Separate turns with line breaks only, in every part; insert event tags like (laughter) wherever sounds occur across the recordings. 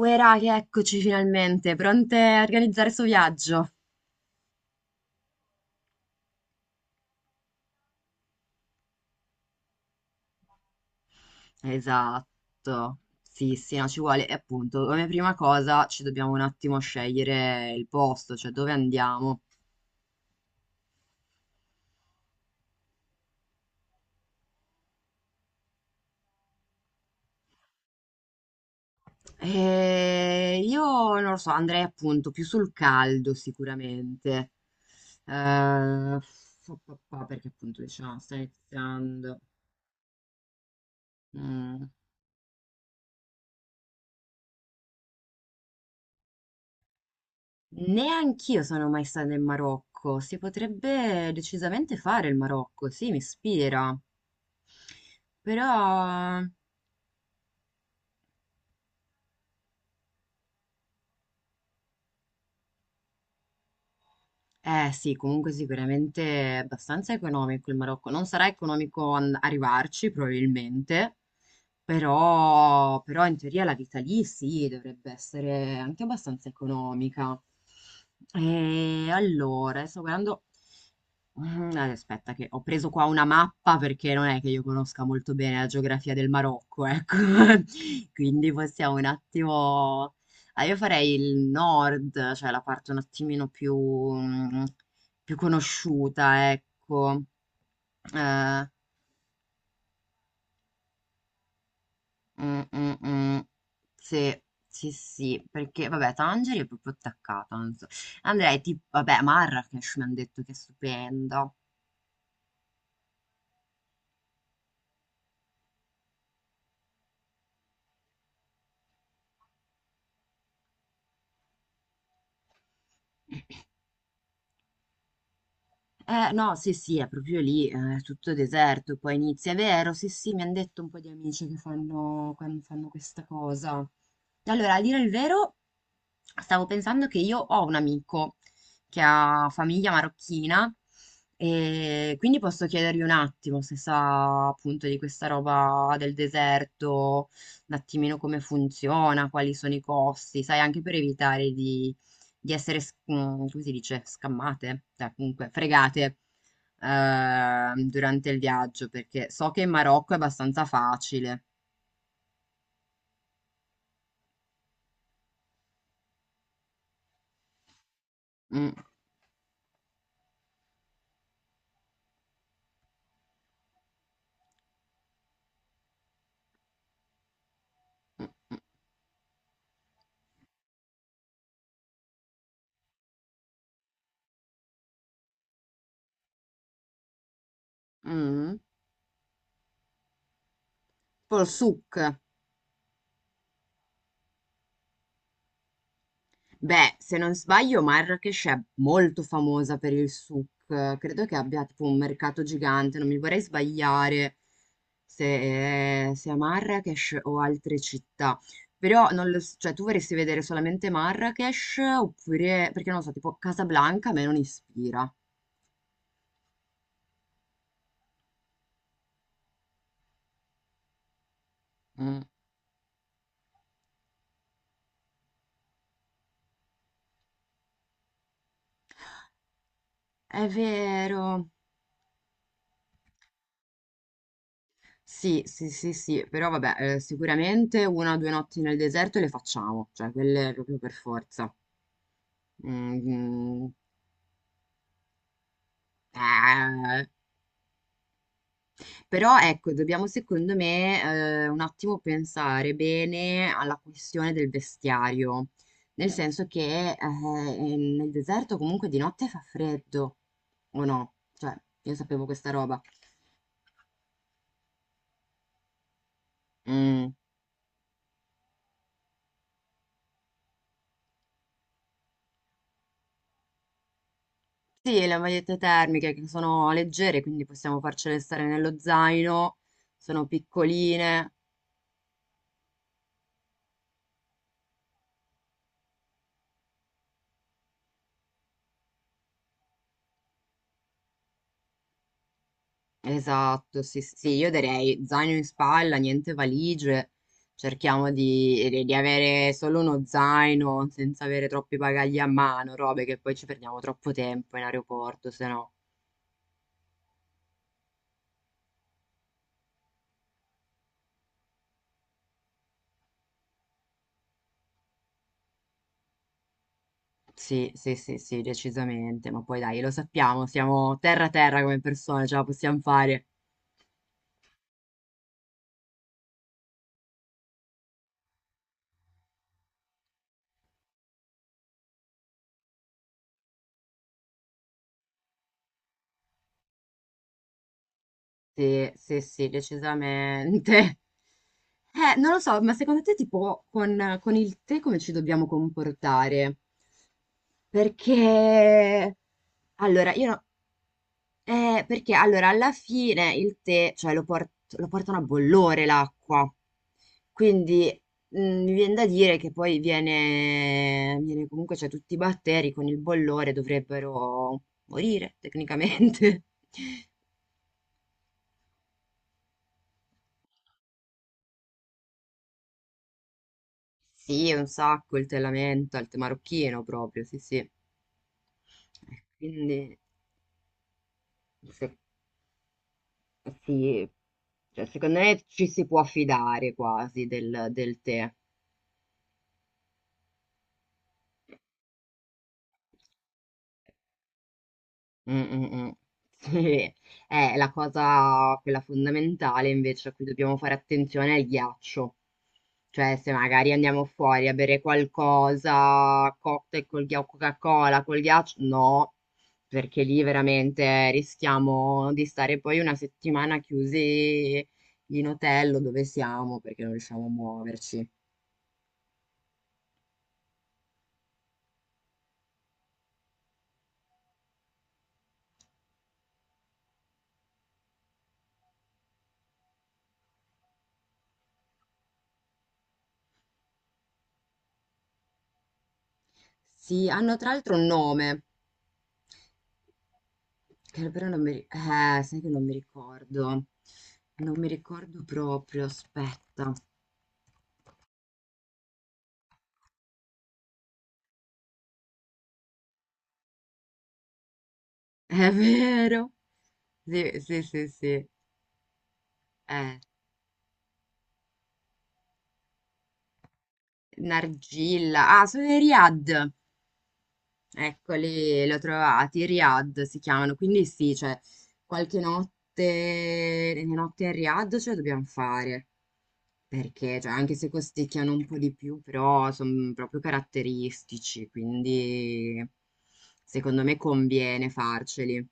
Uè raga, eccoci finalmente, pronte a organizzare sto viaggio? Esatto, sì, sì, no, ci vuole. E appunto, come prima cosa ci dobbiamo un attimo scegliere il posto, cioè dove andiamo. E io non lo so, andrei appunto più sul caldo sicuramente. Eh, fa, perché appunto diciamo, sta iniziando. Mm. Neanch'io sono mai stata in Marocco. Si potrebbe decisamente fare il Marocco, sì, mi ispira. Però, eh sì, comunque sicuramente è abbastanza economico il Marocco. Non sarà economico arrivarci, probabilmente, però in teoria la vita lì sì, dovrebbe essere anche abbastanza economica. E allora, sto guardando. Mhmm, ad aspetta che ho preso qua una mappa perché non è che io conosca molto bene la geografia del Marocco, ecco. (laughs) Quindi possiamo un attimo ah, io farei il nord, cioè la parte un attimino più mhmm, più conosciuta, ecco. Ehm, mh, mh, mh. Sì, sì, sì, perché vabbè Tangeri è proprio attaccata, non so. Andrei tip vabbè Marrakech mi han detto che è stupenda. No, sì, sì, è proprio lì, è tutto deserto, poi inizia, è vero, sì, sì, mi hanno detto un po' di amici che fanno, quando fanno questa cosa. Allora, a dire il vero, stavo pensando che io ho un amico che ha famiglia marocchina, e quindi posso chiedergli un attimo se sa appunto di questa roba del deserto, un attimino come funziona, quali sono i costi, sai, anche per evitare di essere s mhmm, come si dice? Scammate? Cioè comunque fregate, durante il viaggio, perché so che in Marocco è abbastanza facile. Mh, mh, mh, mh. Polsuk. Beh, se non sbaglio, Marrakesh è molto famosa per il souk. Credo che abbia tipo un mercato gigante, non mi vorrei sbagliare se è Marrakesh o altre città. Però non lo s- cioè, tu vorresti vedere solamente Marrakesh oppure, perché non lo so, tipo Casablanca a me non ispira. Mm. È vero. Sì, sì, sì, sì, però vabbè, sicuramente una o due notti nel deserto le facciamo, cioè quelle proprio per forza. Mm, mm. Eh, però ecco, dobbiamo secondo me un attimo pensare bene alla questione del vestiario, nel senso che nel deserto comunque di notte fa freddo, o no? Cioè, io sapevo questa roba. Mm. Sì, le magliette termiche che sono leggere, quindi possiamo farcele stare nello zaino, sono piccoline. Esatto, sì, sì, sì, io direi zaino in spalla, niente valigie, cerchiamo di avere solo uno zaino senza avere troppi bagagli a mano, robe che poi ci perdiamo troppo tempo in aeroporto, se no. Sì, sì, sì, sì, decisamente, ma poi dai, lo sappiamo, siamo terra a terra come persone, ce la possiamo fare. Sì, sì, sì, decisamente. (laughs) Non lo so, ma secondo te tipo con il tè come ci dobbiamo comportare? Perché allora io no- perché allora alla fine il tè, cioè lo, port- lo portano a bollore l'acqua. Quindi mm, mi viene da dire che poi viene comunque, cioè tutti i batteri con il bollore dovrebbero morire tecnicamente. (laughs) Sì, un sacco il tè lamenta, il tè marocchino proprio, sì, sì. Quindi, se- sì, cioè, secondo me ci si può fidare quasi del tè. Mh, mh, mh. Sì, la cosa quella fondamentale invece a cui dobbiamo fare attenzione è il ghiaccio. Cioè, se magari andiamo fuori a bere qualcosa, cocktail col ghiaccio, Coca-Cola col ghiaccio, no, perché lì veramente rischiamo di stare poi una settimana chiusi in hotel o dove siamo perché non riusciamo a muoverci. Sì, hanno tra l'altro un nome. Che però non mi... ri- sai che non mi ricordo. Non mi ricordo proprio, aspetta. È vero. Sì, sì, sì, sì. Eh, Nargilla. Ah, sono i Riad. Eccoli, li ho trovati. Riad si chiamano. Quindi sì, cioè, qualche notte, le notti a Riad ce la dobbiamo fare. Perché, cioè, anche se costicchiano un po' di più, però sono proprio caratteristici, quindi secondo me conviene farceli.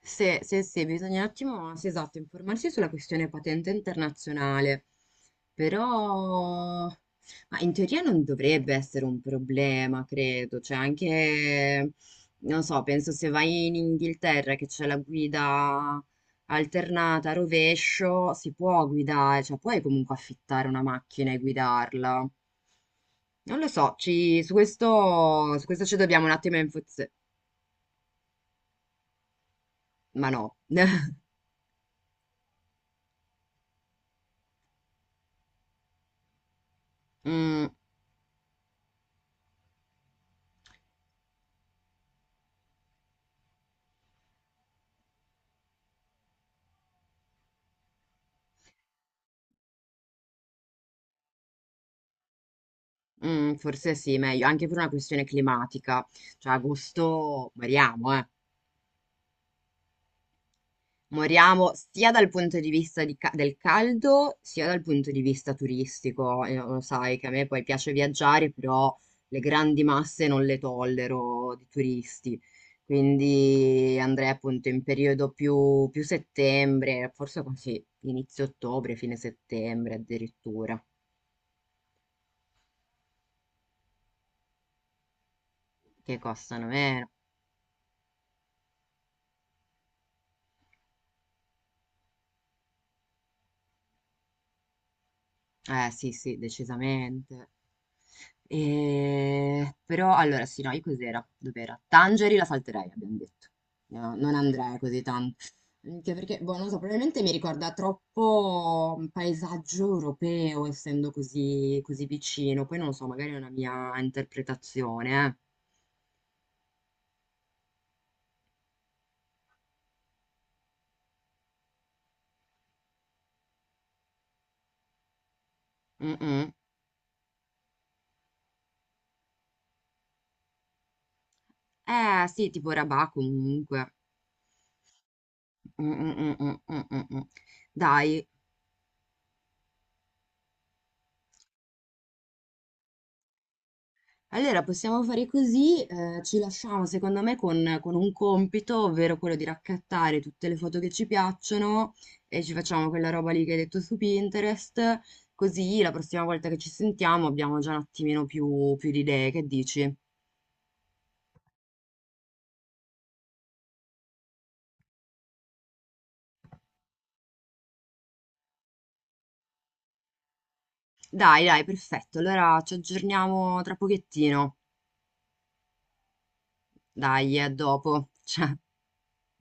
Se, se, se, bisogna un attimo, sì, esatto, informarsi sulla questione patente internazionale, però, ma in teoria non dovrebbe essere un problema, credo, cioè anche, non so, penso se vai in Inghilterra che c'è la guida alternata a rovescio, si può guidare, cioè puoi comunque affittare una macchina e guidarla. Non lo so, ci- su questo ci dobbiamo un attimo info... Ma no. (laughs) Mm. Mm, forse sì, meglio, anche per una questione climatica. Cioè, agosto moriamo, eh. Moriamo sia dal punto di vista di ca- del caldo, sia dal punto di vista turistico. Lo sai che a me poi piace viaggiare, però le grandi masse non le tollero di turisti. Quindi andrei appunto in periodo più settembre, forse così, inizio ottobre, fine settembre addirittura, che costano meno. Eh sì, sì, decisamente. E... Però allora sì, no, io cos'era? Dov'era? Tangeri la salterei, abbiamo detto. No, non andrei così tanto. Anche perché, boh, non so, probabilmente mi ricorda troppo un paesaggio europeo, essendo così vicino. Poi non lo so, magari è una mia interpretazione. Mm-mm. Sì, tipo Rabat comunque. Mm, mm, mm, mm, mm, mm, mm. Dai, allora, possiamo fare così, ci lasciamo secondo me con un compito, ovvero quello di raccattare tutte le foto che ci piacciono e ci facciamo quella roba lì che hai detto su Pinterest, così la prossima volta che ci sentiamo abbiamo già un attimino più di idee, che dici? Dai, dai, perfetto, allora ci aggiorniamo tra pochettino, dai, a dopo, (laughs) ciao.